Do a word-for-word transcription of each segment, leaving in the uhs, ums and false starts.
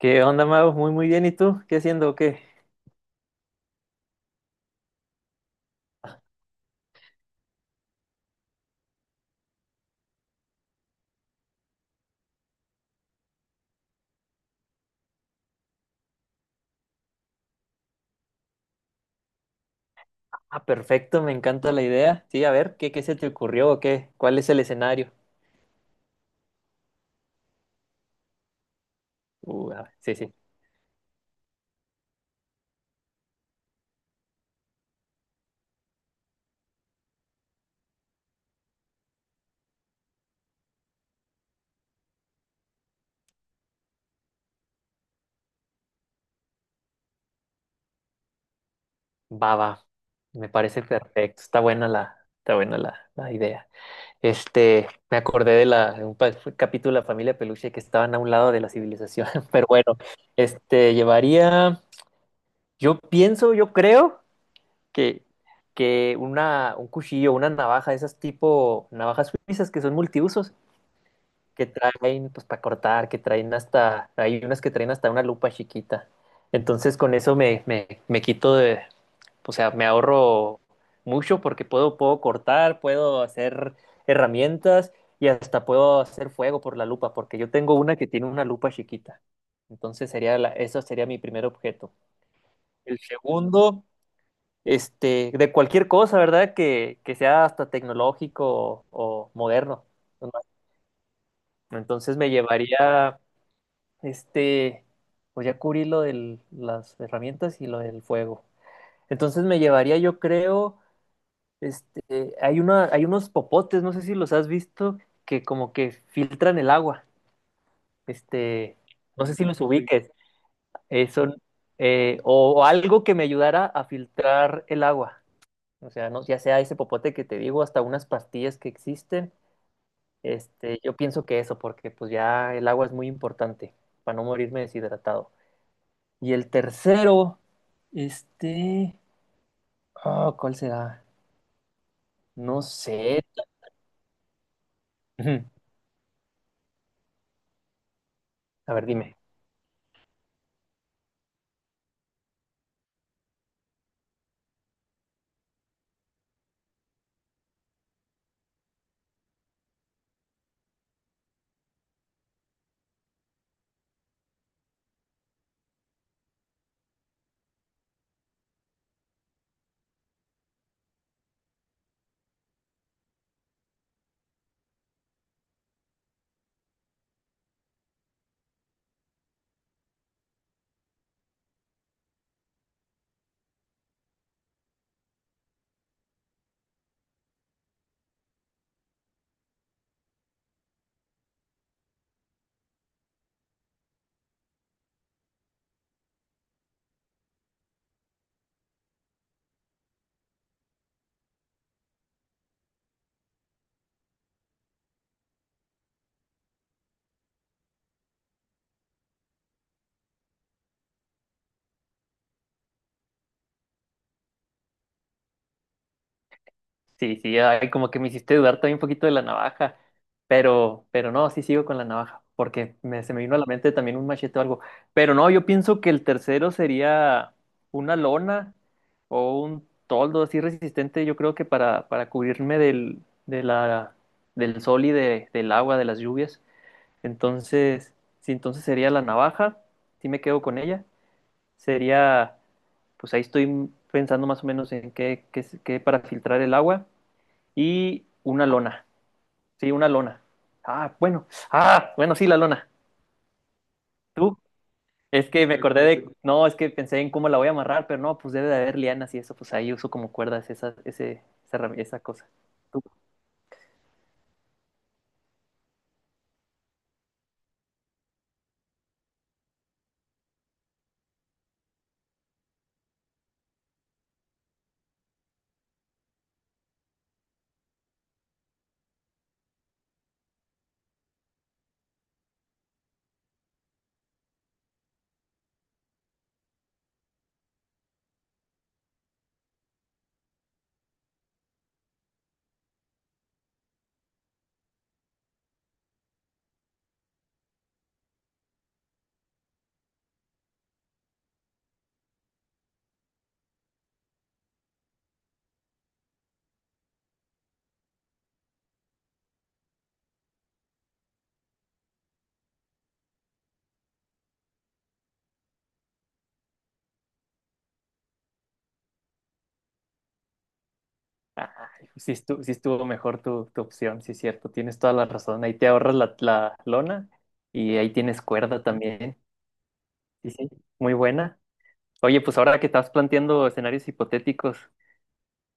¿Qué onda, Mau? Muy, muy bien. ¿Y tú? ¿Qué haciendo o qué? Ah, perfecto, me encanta la idea. Sí, a ver, ¿qué, qué se te ocurrió o qué? ¿Cuál es el escenario? Uh, a ver, sí, sí. Va, va. Me parece perfecto. Está buena la, está buena la, la idea. Este, me acordé de la, de un pa- capítulo de la familia Peluche que estaban a un lado de la civilización. Pero bueno, este, llevaría, yo pienso, yo creo que, que una, un cuchillo, una navaja, esas tipo navajas suizas que son multiusos. Que traen pues para cortar, que traen hasta, hay unas que traen hasta una lupa chiquita. Entonces con eso me, me, me quito de, o sea, me ahorro mucho porque puedo, puedo cortar, puedo hacer herramientas y hasta puedo hacer fuego por la lupa, porque yo tengo una que tiene una lupa chiquita. Entonces sería la, eso sería mi primer objeto. El segundo, este, de cualquier cosa, ¿verdad? Que, que sea hasta tecnológico o, o moderno. ¿No? Entonces me llevaría. Este, pues ya cubrí lo de las herramientas y lo del fuego. Entonces me llevaría, yo creo, este, hay una, hay unos popotes, no sé si los has visto, que como que filtran el agua. Este, no sé si los ubiques. Eh, son, eh, o, o algo que me ayudara a filtrar el agua. O sea, no, ya sea ese popote que te digo, hasta unas pastillas que existen. Este, yo pienso que eso, porque pues ya el agua es muy importante para no morirme deshidratado. Y el tercero, este... ah, ¿cuál será? No sé. Ujú. A ver, dime. Sí, sí, ay, como que me hiciste dudar también un poquito de la navaja, pero, pero no, sí sigo con la navaja, porque me, se me vino a la mente también un machete o algo. Pero no, yo pienso que el tercero sería una lona o un toldo así resistente, yo creo que para, para cubrirme del, de la, del sol y de- del agua, de las lluvias. Entonces, si entonces sería la navaja, si me quedo con ella, sería, pues ahí estoy pensando más o menos en qué, qué, qué para filtrar el agua y una lona, sí, una lona. Ah, bueno, ah, bueno, sí, la lona. Tú, es que me acordé de, no, es que pensé en cómo la voy a amarrar, pero no, pues debe de haber lianas y eso, pues ahí uso como cuerdas esa, ese, esa, herram- esa cosa. Ay, pues sí estuvo, sí estuvo mejor tu, tu opción, sí es cierto, tienes toda la razón. Ahí te ahorras la, la lona y ahí tienes cuerda también. Sí, sí, muy buena. Oye, pues ahora que estás planteando escenarios hipotéticos,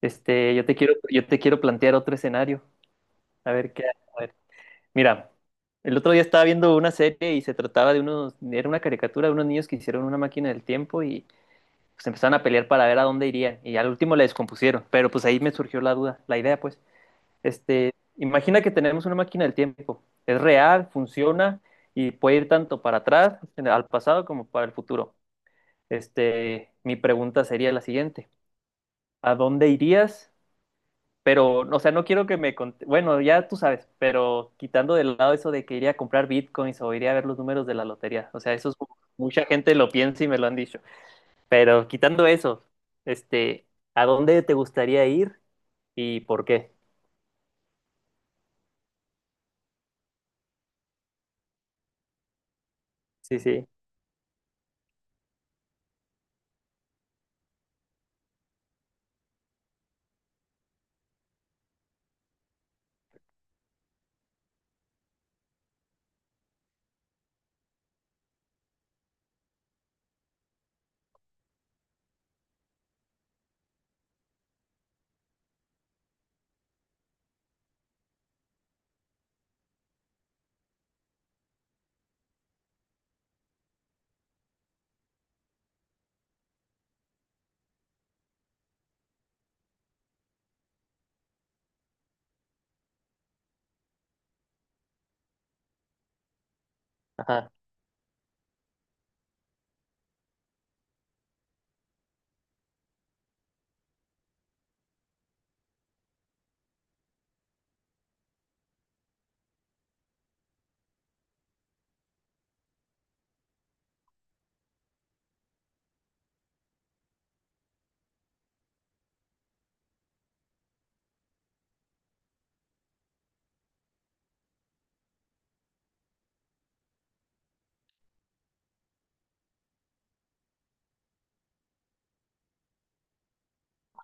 este, yo te quiero, yo te quiero plantear otro escenario. A ver qué, a ver. Mira, el otro día estaba viendo una serie y se trataba de unos, era una caricatura de unos niños que hicieron una máquina del tiempo y pues empezaron a pelear para ver a dónde irían y al último la descompusieron. Pero pues ahí me surgió la duda, la idea, pues. Este, imagina que tenemos una máquina del tiempo. Es real, funciona y puede ir tanto para atrás, en- al pasado, como para el futuro. Este, mi pregunta sería la siguiente. ¿A dónde irías? Pero, o sea, no quiero que me... cont- Bueno, ya tú sabes, pero quitando de lado eso de que iría a comprar bitcoins o iría a ver los números de la lotería. O sea, eso es- mucha gente lo piensa y me lo han dicho. Pero quitando eso, este, ¿a dónde te gustaría ir y por qué? Sí, sí.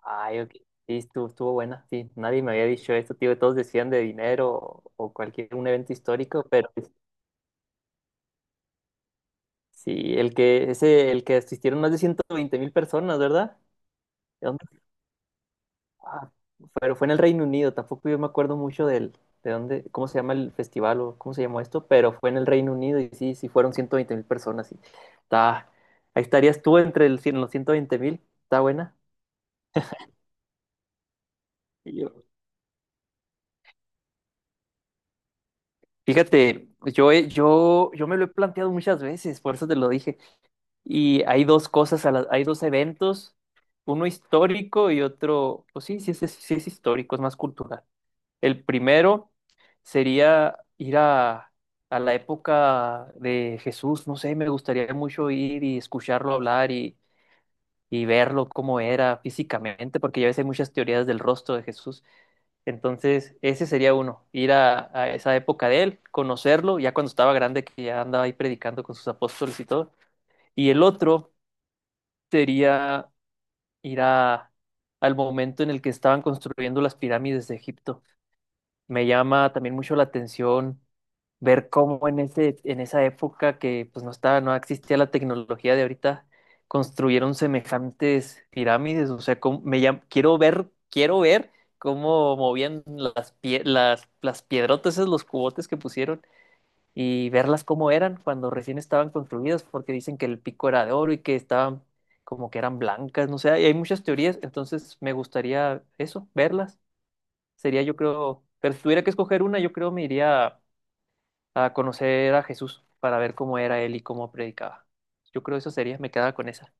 Ay, ok. Sí, estuvo, estuvo buena, sí. Nadie me había dicho esto, tío. Todos decían de dinero o, o cualquier un evento histórico, pero pues, sí, el que, ese, el que asistieron más de ciento veinte mil personas, ¿verdad? ¿De dónde? Ah, pero fue en el Reino Unido. Tampoco yo me acuerdo mucho del, de dónde, cómo se llama el festival o cómo se llamó esto, pero fue en el Reino Unido y sí, sí fueron ciento veinte mil personas. Sí. Está, ahí estarías tú entre el, cien- los ciento veinte mil. Está buena. Y yo- Fíjate, pues, yo, he- yo, yo me lo he planteado muchas veces, por eso te lo dije. Y hay dos cosas, a la- hay dos eventos, uno histórico y otro, pues sí, sí es, sí es histórico, es más cultural. El primero sería ir a, a la época de Jesús, no sé, me gustaría mucho ir y escucharlo hablar y, y verlo cómo era físicamente, porque ya ves, hay muchas teorías del rostro de Jesús. Entonces, ese sería uno, ir a, a esa época de él, conocerlo, ya cuando estaba grande, que ya andaba ahí predicando con sus apóstoles y todo. Y el otro sería ir a, al momento en el que estaban construyendo las pirámides de Egipto. Me llama también mucho la atención ver cómo en ese, en esa época que pues no estaba, no existía la tecnología de ahorita, construyeron semejantes pirámides. O sea, cómo- me llam- quiero ver, quiero ver cómo movían las, pie- las, las piedrotas, esos los cubotes que pusieron y verlas cómo eran cuando recién estaban construidas, porque dicen que el pico era de oro y que estaban como que eran blancas, no sé, y hay muchas teorías, entonces me gustaría eso, verlas. Sería yo creo, pero si tuviera que escoger una, yo creo me iría a conocer a Jesús para ver cómo era él y cómo predicaba. Yo creo eso sería, me quedaba con esa.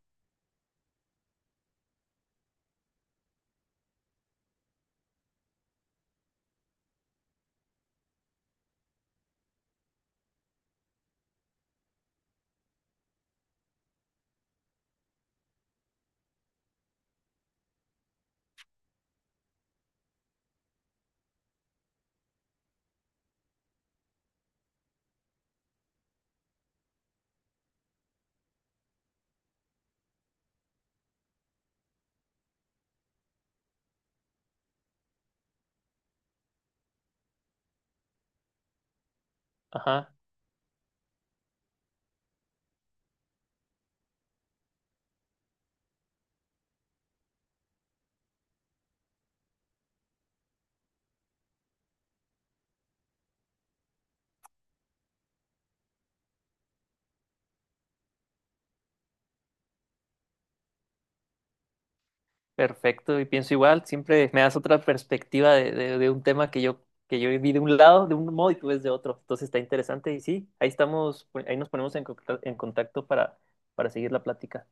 Ajá. Perfecto, y pienso igual, siempre me das otra perspectiva de, de- de un tema que yo, que yo vi de un lado, de un modo, y tú ves de otro. Entonces está interesante y sí, ahí estamos, ahí nos ponemos en, contacto- en contacto para, para seguir la plática.